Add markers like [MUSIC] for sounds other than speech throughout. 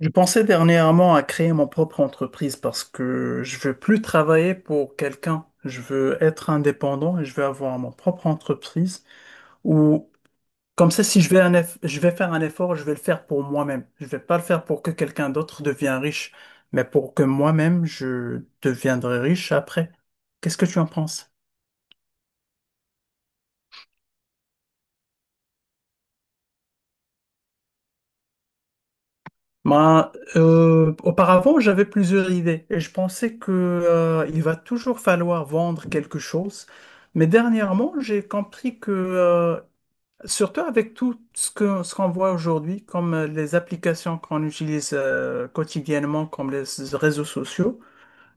Je pensais dernièrement à créer mon propre entreprise parce que je veux plus travailler pour quelqu'un. Je veux être indépendant et je veux avoir mon propre entreprise où, comme ça, si je vais je vais faire un effort, je vais le faire pour moi-même. Je vais pas le faire pour que quelqu'un d'autre devienne riche, mais pour que moi-même je deviendrai riche après. Qu'est-ce que tu en penses? Ben, auparavant, j'avais plusieurs idées et je pensais que, il va toujours falloir vendre quelque chose. Mais dernièrement, j'ai compris que, surtout avec ce qu'on voit aujourd'hui, comme les applications qu'on utilise, quotidiennement, comme les réseaux sociaux,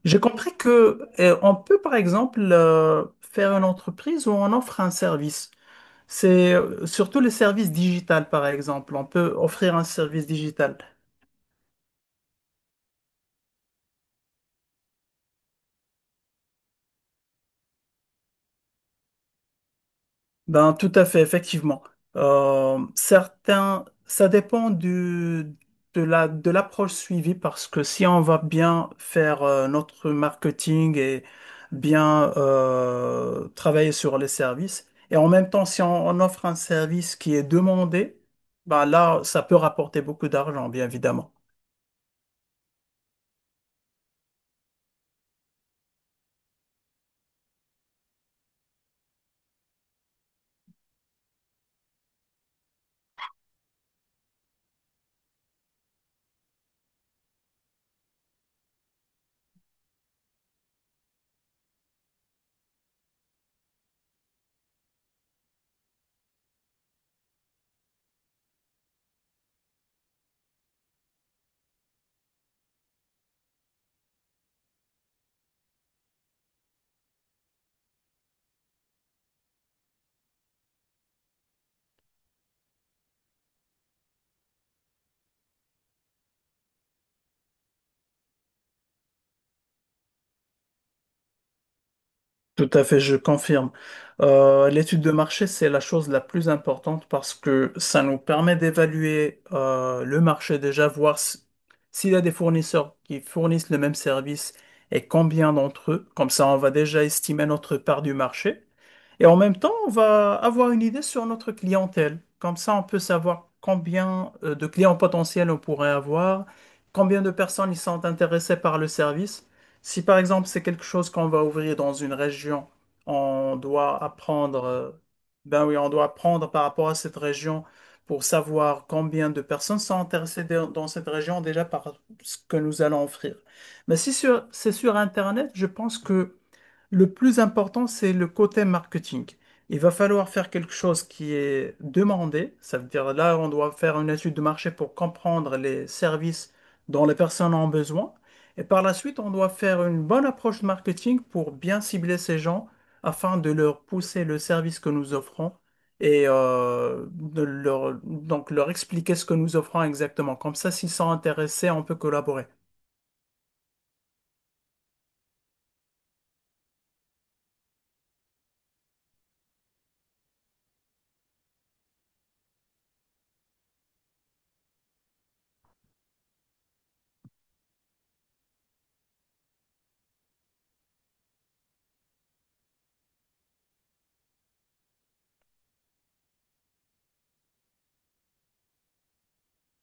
j'ai compris que, on peut, par exemple, faire une entreprise où on offre un service. C'est surtout les services digitales, par exemple. On peut offrir un service digital. Ben, tout à fait, effectivement. Certains, ça dépend de la, de l'approche suivie parce que si on va bien faire notre marketing et bien travailler sur les services, et en même temps, si on offre un service qui est demandé, ben là, ça peut rapporter beaucoup d'argent, bien évidemment. Tout à fait, je confirme. L'étude de marché, c'est la chose la plus importante parce que ça nous permet d'évaluer le marché déjà, s'il y a des fournisseurs qui fournissent le même service et combien d'entre eux. Comme ça, on va déjà estimer notre part du marché. Et en même temps, on va avoir une idée sur notre clientèle. Comme ça, on peut savoir combien de clients potentiels on pourrait avoir, combien de personnes ils sont intéressées par le service. Si par exemple c'est quelque chose qu'on va ouvrir dans une région, on doit apprendre, ben oui, on doit apprendre par rapport à cette région pour savoir combien de personnes sont intéressées dans cette région déjà par ce que nous allons offrir. Mais si sur- c'est sur Internet, je pense que le plus important, c'est le côté marketing. Il va falloir faire quelque chose qui est demandé. Ça veut dire là, on doit faire une étude de marché pour comprendre les services dont les personnes ont besoin. Et par la suite, on doit faire une bonne approche de marketing pour bien cibler ces gens afin de leur pousser le service que nous offrons et donc leur expliquer ce que nous offrons exactement. Comme ça, s'ils sont intéressés, on peut collaborer.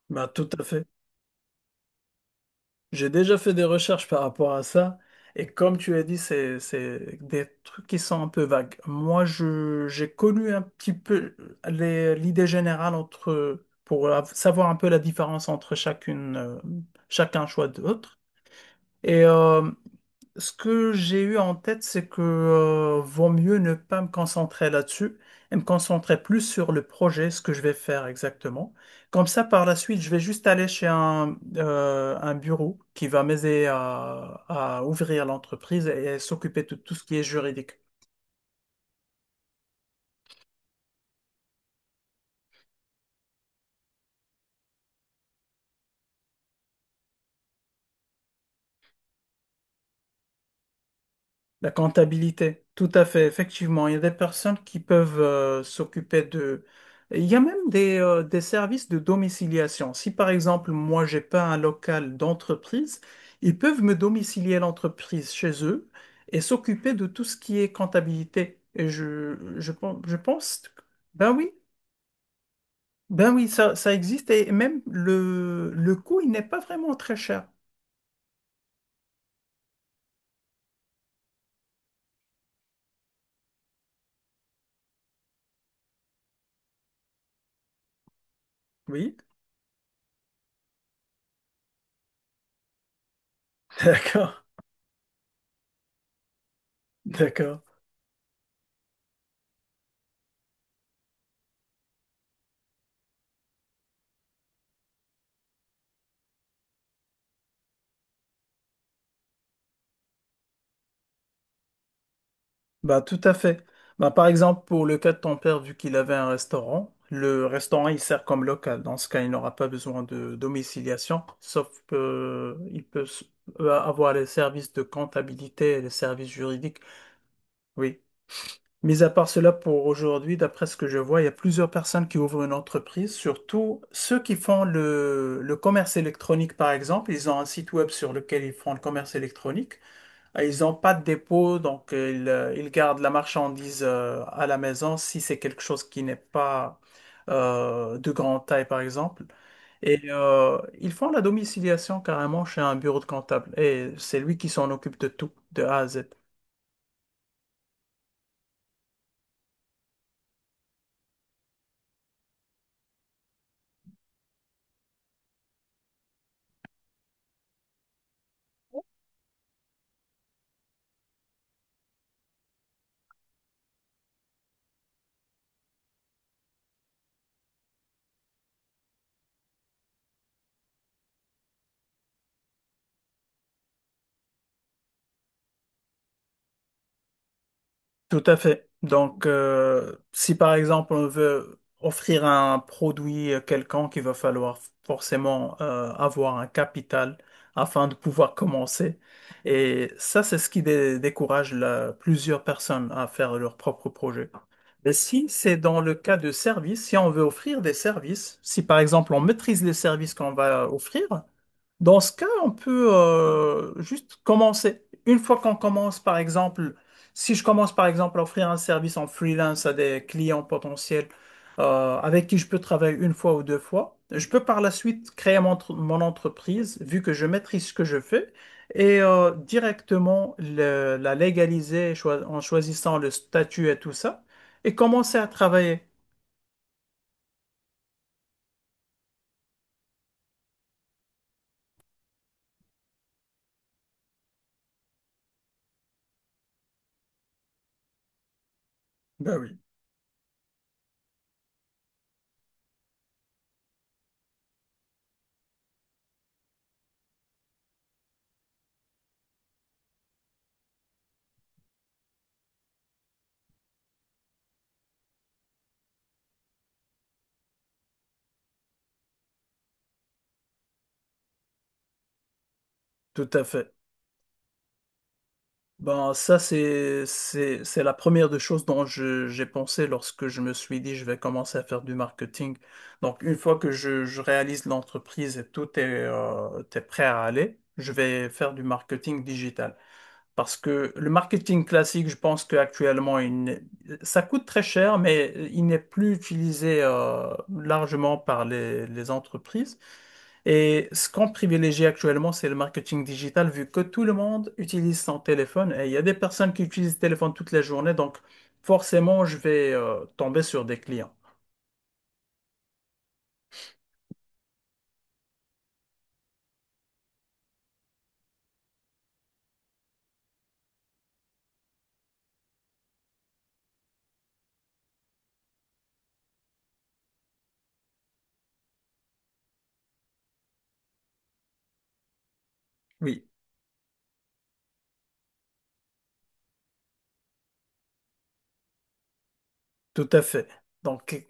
Bah, tout à fait. J'ai déjà fait des recherches par rapport à ça, et comme tu as dit, c'est des trucs qui sont un peu vagues. Moi, j'ai connu un petit peu l'idée générale entre, savoir un peu la différence entre chacune, chacun choix de l'autre. Et ce que j'ai eu en tête, c'est que vaut mieux ne pas me concentrer là-dessus et me concentrer plus sur le projet, ce que je vais faire exactement. Comme ça, par la suite, je vais juste aller chez un bureau qui va m'aider à ouvrir l'entreprise et s'occuper de tout ce qui est juridique. La comptabilité, tout à fait, effectivement. Il y a des personnes qui peuvent s'occuper de... Il y a même des services de domiciliation. Si par exemple, moi, j'ai pas un local d'entreprise, ils peuvent me domicilier l'entreprise chez eux et s'occuper de tout ce qui est comptabilité. Et je pense... Ben oui, ben oui, ça existe et même le coût, il n'est pas vraiment très cher. Oui, [LAUGHS] d'accord, d'accord. Bah, tout à fait. Bah, par exemple, pour le cas de ton père, vu qu'il avait un restaurant, le restaurant, il sert comme local. Dans ce cas, il n'aura pas besoin de domiciliation, sauf qu'il peut avoir les services de comptabilité et les services juridiques. Oui. Mis à part cela, pour aujourd'hui, d'après ce que je vois, il y a plusieurs personnes qui ouvrent une entreprise, surtout ceux qui font le commerce électronique, par exemple. Ils ont un site web sur lequel ils font le commerce électronique. Ils n'ont pas de dépôt, donc ils gardent la marchandise à la maison si c'est quelque chose qui n'est pas de grande taille, par exemple. Et ils font la domiciliation carrément chez un bureau de comptable. Et c'est lui qui s'en occupe de tout, de A à Z. Tout à fait. Donc, si par exemple on veut offrir un produit quelconque, il va falloir forcément avoir un capital afin de pouvoir commencer. Et ça, c'est ce qui décourage plusieurs personnes à faire leur propre projet. Mais si c'est dans le cas de services, si on veut offrir des services, si par exemple on maîtrise les services qu'on va offrir, dans ce cas, on peut juste commencer. Une fois qu'on commence, par exemple, si je commence, par exemple, à offrir un service en freelance à des clients potentiels avec qui je peux travailler une fois ou deux fois, je peux par la suite créer mon entreprise, vu que je maîtrise ce que je fais, et directement la légaliser en choisissant le statut et tout ça, et commencer à travailler. Ben oui, tout à fait. Ben, ça, c'est la première des choses dont j'ai pensé lorsque je me suis dit, je vais commencer à faire du marketing. Donc, une fois que je réalise l'entreprise et tout est, t'es prêt à aller, je vais faire du marketing digital. Parce que le marketing classique, je pense qu'actuellement, il n'est- ça coûte très cher, mais il n'est plus utilisé largement par les entreprises. Et ce qu'on privilégie actuellement, c'est le marketing digital, vu que tout le monde utilise son téléphone. Et il y a des personnes qui utilisent le téléphone toute la journée, donc forcément, je vais tomber sur des clients. Oui, tout à fait. Donc,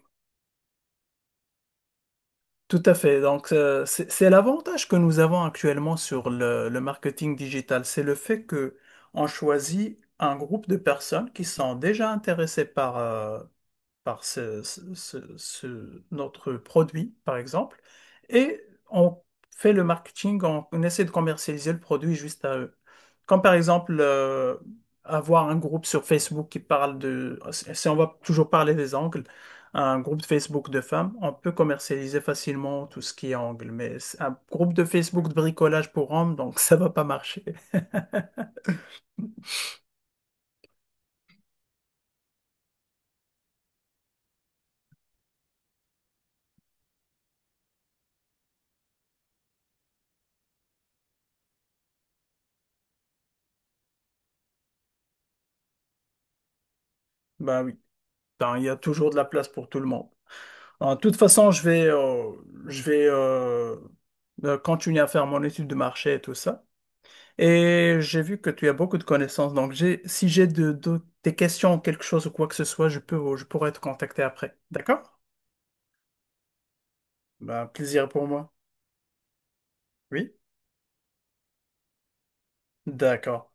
Tout à fait. Donc, c'est l'avantage que nous avons actuellement sur le marketing digital. C'est le fait que on choisit un groupe de personnes qui sont déjà intéressées par, par notre produit, par exemple, et on fait le marketing, on essaie de commercialiser le produit juste à eux. Comme par exemple, avoir un groupe sur Facebook qui parle de, si on va toujours parler des angles, un groupe de Facebook de femmes, on peut commercialiser facilement tout ce qui est angle, mais c'est un groupe de Facebook de bricolage pour hommes, donc [LAUGHS] ça va pas marcher. Bah oui, ben, il y a toujours de la place pour tout le monde. En toute façon, je vais continuer à faire mon étude de marché et tout ça. Et j'ai vu que tu as beaucoup de connaissances, donc j'ai, si j'ai des questions, quelque chose ou quoi que ce soit, je pourrais te contacter après. D'accord? Ben, plaisir pour moi. Oui? D'accord.